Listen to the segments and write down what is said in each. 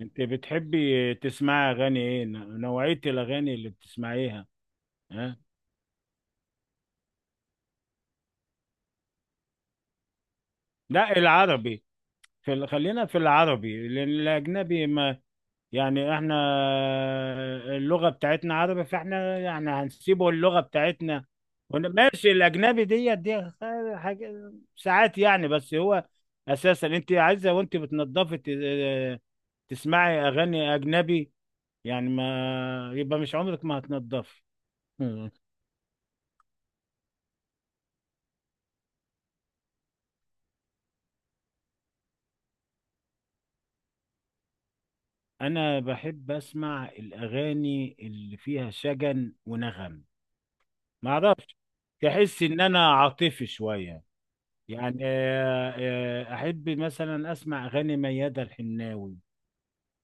انت بتحبي تسمعي اغاني ايه، نوعية الاغاني اللي بتسمعيها؟ ها. لا، العربي. خلينا في العربي لان الاجنبي ما يعني احنا اللغة بتاعتنا عربي، فاحنا يعني هنسيبه اللغة بتاعتنا. ماشي، الاجنبي دي حاجة ساعات يعني، بس هو اساسا انت عايزة وانت بتنضفي تسمعي اغاني اجنبي، يعني ما يبقى مش عمرك ما هتنضفي. انا بحب اسمع الاغاني اللي فيها شجن ونغم. ما اعرفش، تحس ان انا عاطفي شويه يعني. احب مثلا اسمع اغاني ميادة الحناوي.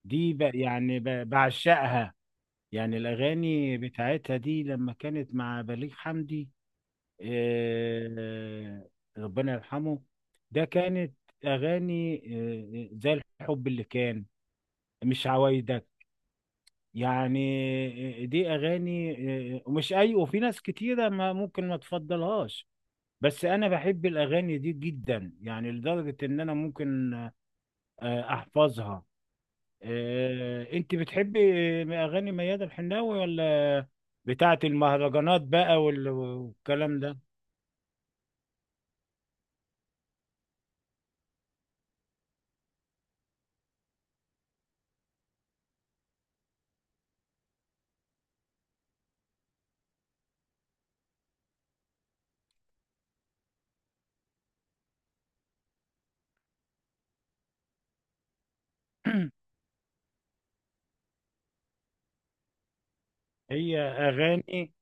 دي ب- يعني ب- بعشقها، يعني الاغاني بتاعتها دي لما كانت مع بليغ حمدي، آه، آه، ربنا يرحمه. ده كانت اغاني، زي الحب اللي كان، مش عوايدك، يعني دي اغاني. ومش اي، وفي ناس كتيره ما ممكن ما تفضلهاش، بس انا بحب الاغاني دي جدا، يعني لدرجه ان انا ممكن احفظها. انت بتحبي اغاني ميادة الحناوي، ولا بتاعه المهرجانات بقى والكلام ده؟ هي اغاني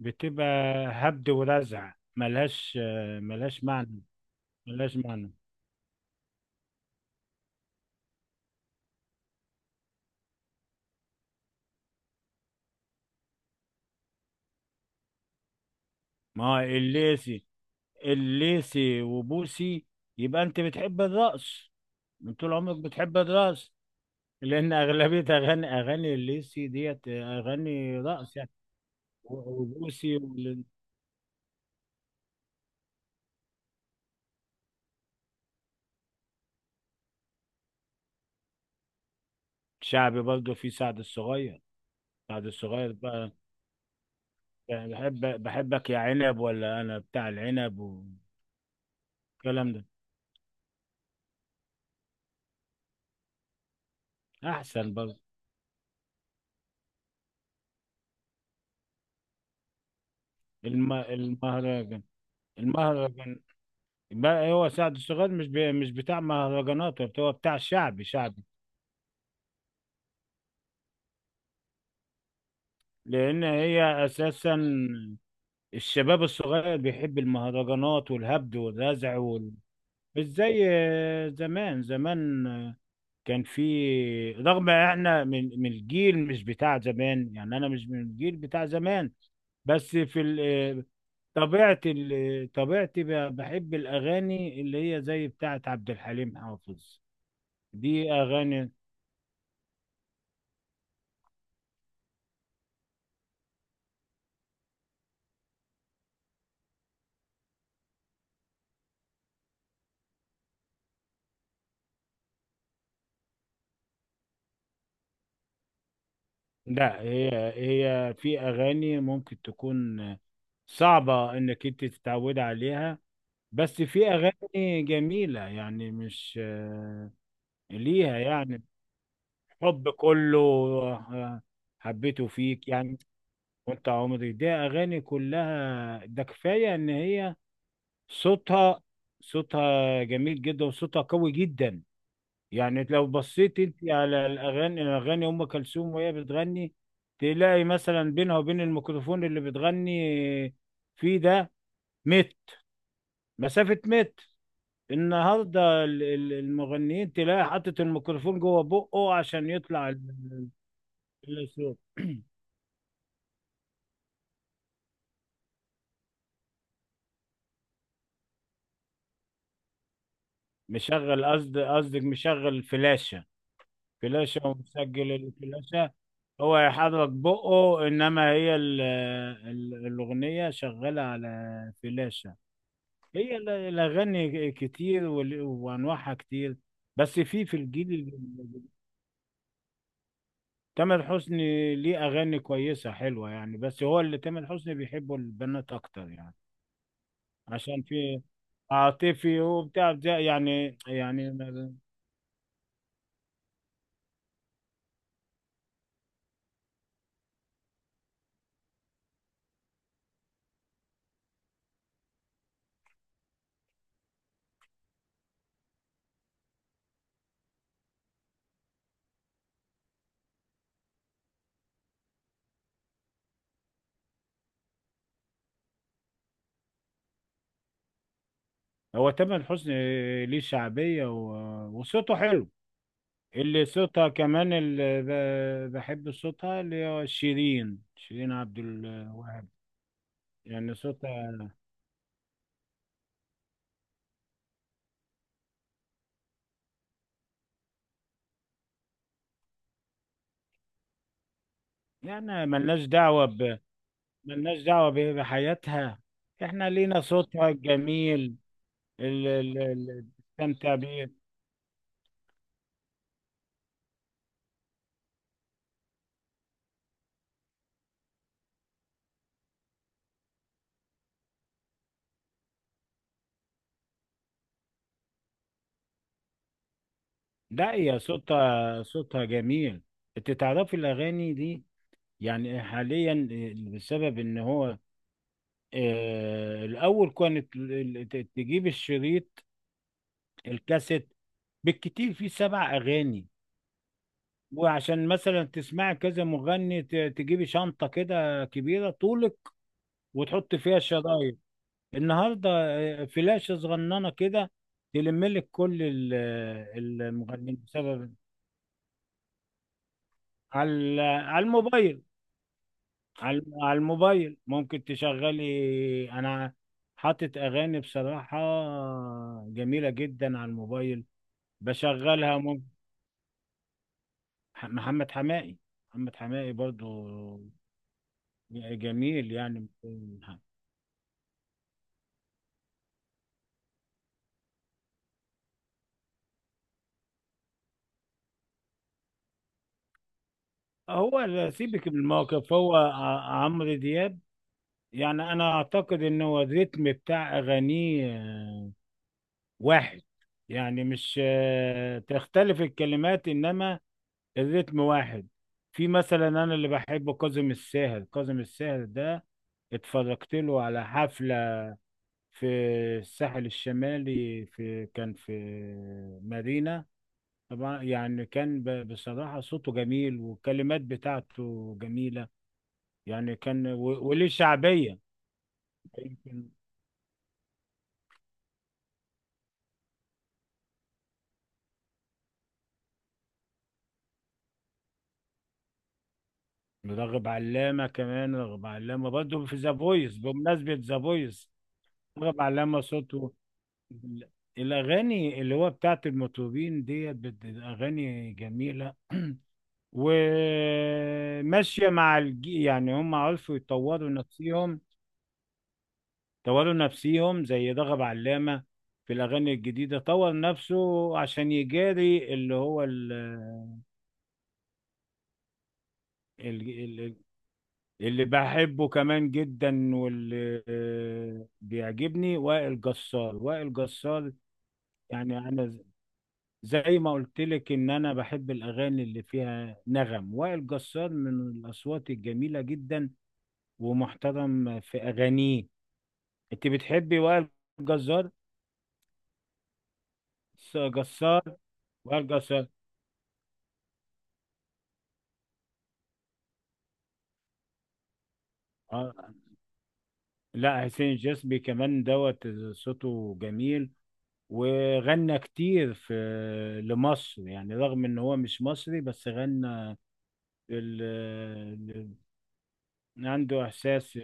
بتبقى هبد ورزع، ملهاش ملهاش معنى، ملهاش معنى. ما هو الليسي، الليثي وبوسي؟ يبقى انت بتحب الرقص، من طول عمرك بتحب الرقص، لان اغلبيه اغاني الليثي ديت اغاني رقص يعني. وبوسي. والشعبي برضه في سعد الصغير. سعد الصغير بقى، يعني بحبك يا عنب، ولا انا بتاع العنب، والكلام ده. احسن برضه. المهرجان، المهرجان بقى، هو سعد الصغير مش بتاع مهرجانات، هو بتاع شعبي شعبي. لان هي اساسا الشباب الصغير بيحب المهرجانات والهبد والرزع مش زي زمان. زمان كان في، رغم احنا من الجيل مش بتاع زمان، يعني انا مش من الجيل بتاع زمان، بس في ال... طبيعة ال... طبيعتي بحب الأغاني اللي هي زي بتاعة عبد الحليم حافظ. دي أغاني. لا، هي في أغاني ممكن تكون صعبة إنك أنت تتعود عليها، بس في اغاني جميله يعني، مش ليها يعني حب كله، حبيته فيك، يعني وانت عمري. دي اغاني كلها، ده كفايه ان هي صوتها صوتها جميل جدا، وصوتها قوي جدا. يعني لو بصيت انت على الاغاني ام كلثوم وهي بتغني، تلاقي مثلا بينها وبين الميكروفون اللي بتغني فيه ده متر، مسافه متر. النهارده المغنيين تلاقي حاطط الميكروفون جوه بقه عشان يطلع الصوت. مشغل، قصدك مشغل فلاشة، فلاشة ومسجل الفلاشة، هو يحرك بقه، انما هي الاغنية شغالة على فلاشة. هي الاغاني كتير وانواعها كتير، بس في الجيل تامر حسني ليه اغاني كويسة حلوة يعني، بس هو اللي تامر حسني بيحبه البنات اكتر يعني، عشان في عاطفي يعني هو تامر حسني ليه شعبية وصوته حلو. اللي صوتها كمان، اللي بحب صوتها اللي هو شيرين، شيرين عبد الوهاب. يعني صوتها، يعني ملناش دعوة ب، ملناش دعوة بحياتها، احنا لينا صوتها الجميل اللي اللي بتستمتع بيه. لا، هي صوتها جميل. انت تعرفي الأغاني دي؟ يعني حاليا بسبب ان هو الاول كانت تجيب الشريط، الكاسيت، بالكتير فيه سبع اغاني، وعشان مثلا تسمعي كذا مغني تجيبي شنطة كده كبيرة طولك، وتحط فيها الشرايط. النهاردة فلاشة صغننة كده، تلم لك كل المغنيين. بسبب على الموبايل، على الموبايل ممكن تشغلي. انا حاطط اغاني بصراحة جميلة جدا على الموبايل بشغلها محمد حماقي. محمد حماقي برضو جميل يعني. هو سيبك من الموقف، هو عمرو دياب، يعني انا اعتقد ان هو الريتم بتاع اغانيه واحد، يعني مش تختلف الكلمات، انما الريتم واحد. في مثلا انا اللي بحبه كاظم الساهر. كاظم الساهر ده اتفرجت له على حفلة في الساحل الشمالي، في كان في مارينا. طبعا يعني كان بصراحة صوته جميل والكلمات بتاعته جميلة، يعني كان وليه شعبية. يمكن راغب علامة كمان، راغب علامة برضه في ذا فويس، بمناسبة ذا فويس، راغب علامة صوته. الأغاني اللي هو بتاعت المطربين ديت أغاني جميلة وماشية مع الجي، يعني هم عرفوا يطوروا نفسهم، طوروا نفسهم زي رغب علامة في الأغاني الجديدة، طور نفسه عشان يجاري اللي هو ال- ال- اللي بحبه كمان جدا واللي بيعجبني وائل جسار. وائل جسار يعني أنا زي ما قلت لك ان انا بحب الاغاني اللي فيها نغم. وائل جسار من الاصوات الجميله جدا، ومحترم في اغانيه. انت بتحبي وائل جسار جسار؟ وائل جسار. آه. لا، حسين الجسمي كمان دوت، صوته جميل، وغنى كتير في لمصر يعني، رغم ان هو مش مصري بس غنى ال... ال- عنده احساس.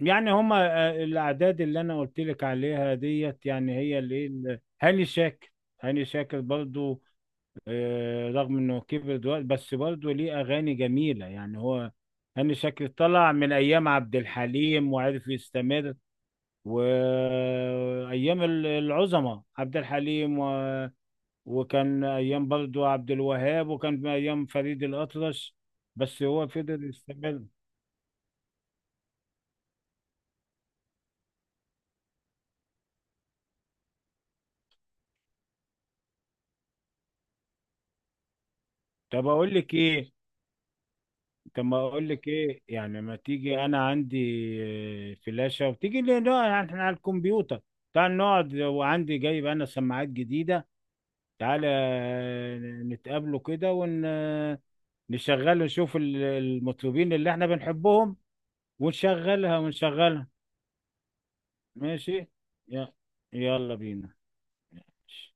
يعني هما الاعداد اللي انا قلت لك عليها ديت، يعني هي هاني شاكر. هاني شاكر برضو، رغم انه كبر دلوقتي بس برضو ليه اغاني جميله يعني. هو هاني شاكر طلع من ايام عبد الحليم وعرف يستمر. وايام العظماء، عبد الحليم، و... وكان ايام برضو عبد الوهاب، وكان ايام فريد الاطرش، بس هو فضل يستمر. طب اقول لك ايه، طب ما اقول لك ايه، يعني ما تيجي انا عندي فلاشة، وتيجي لي نقعد يعني احنا على الكمبيوتر، تعال نقعد، وعندي جايب انا سماعات جديدة. تعالى نتقابلوا كده ونشغل، نشوف المطربين اللي احنا بنحبهم، ونشغلها ونشغلها. ماشي. يلا، يلا بينا. ماشي.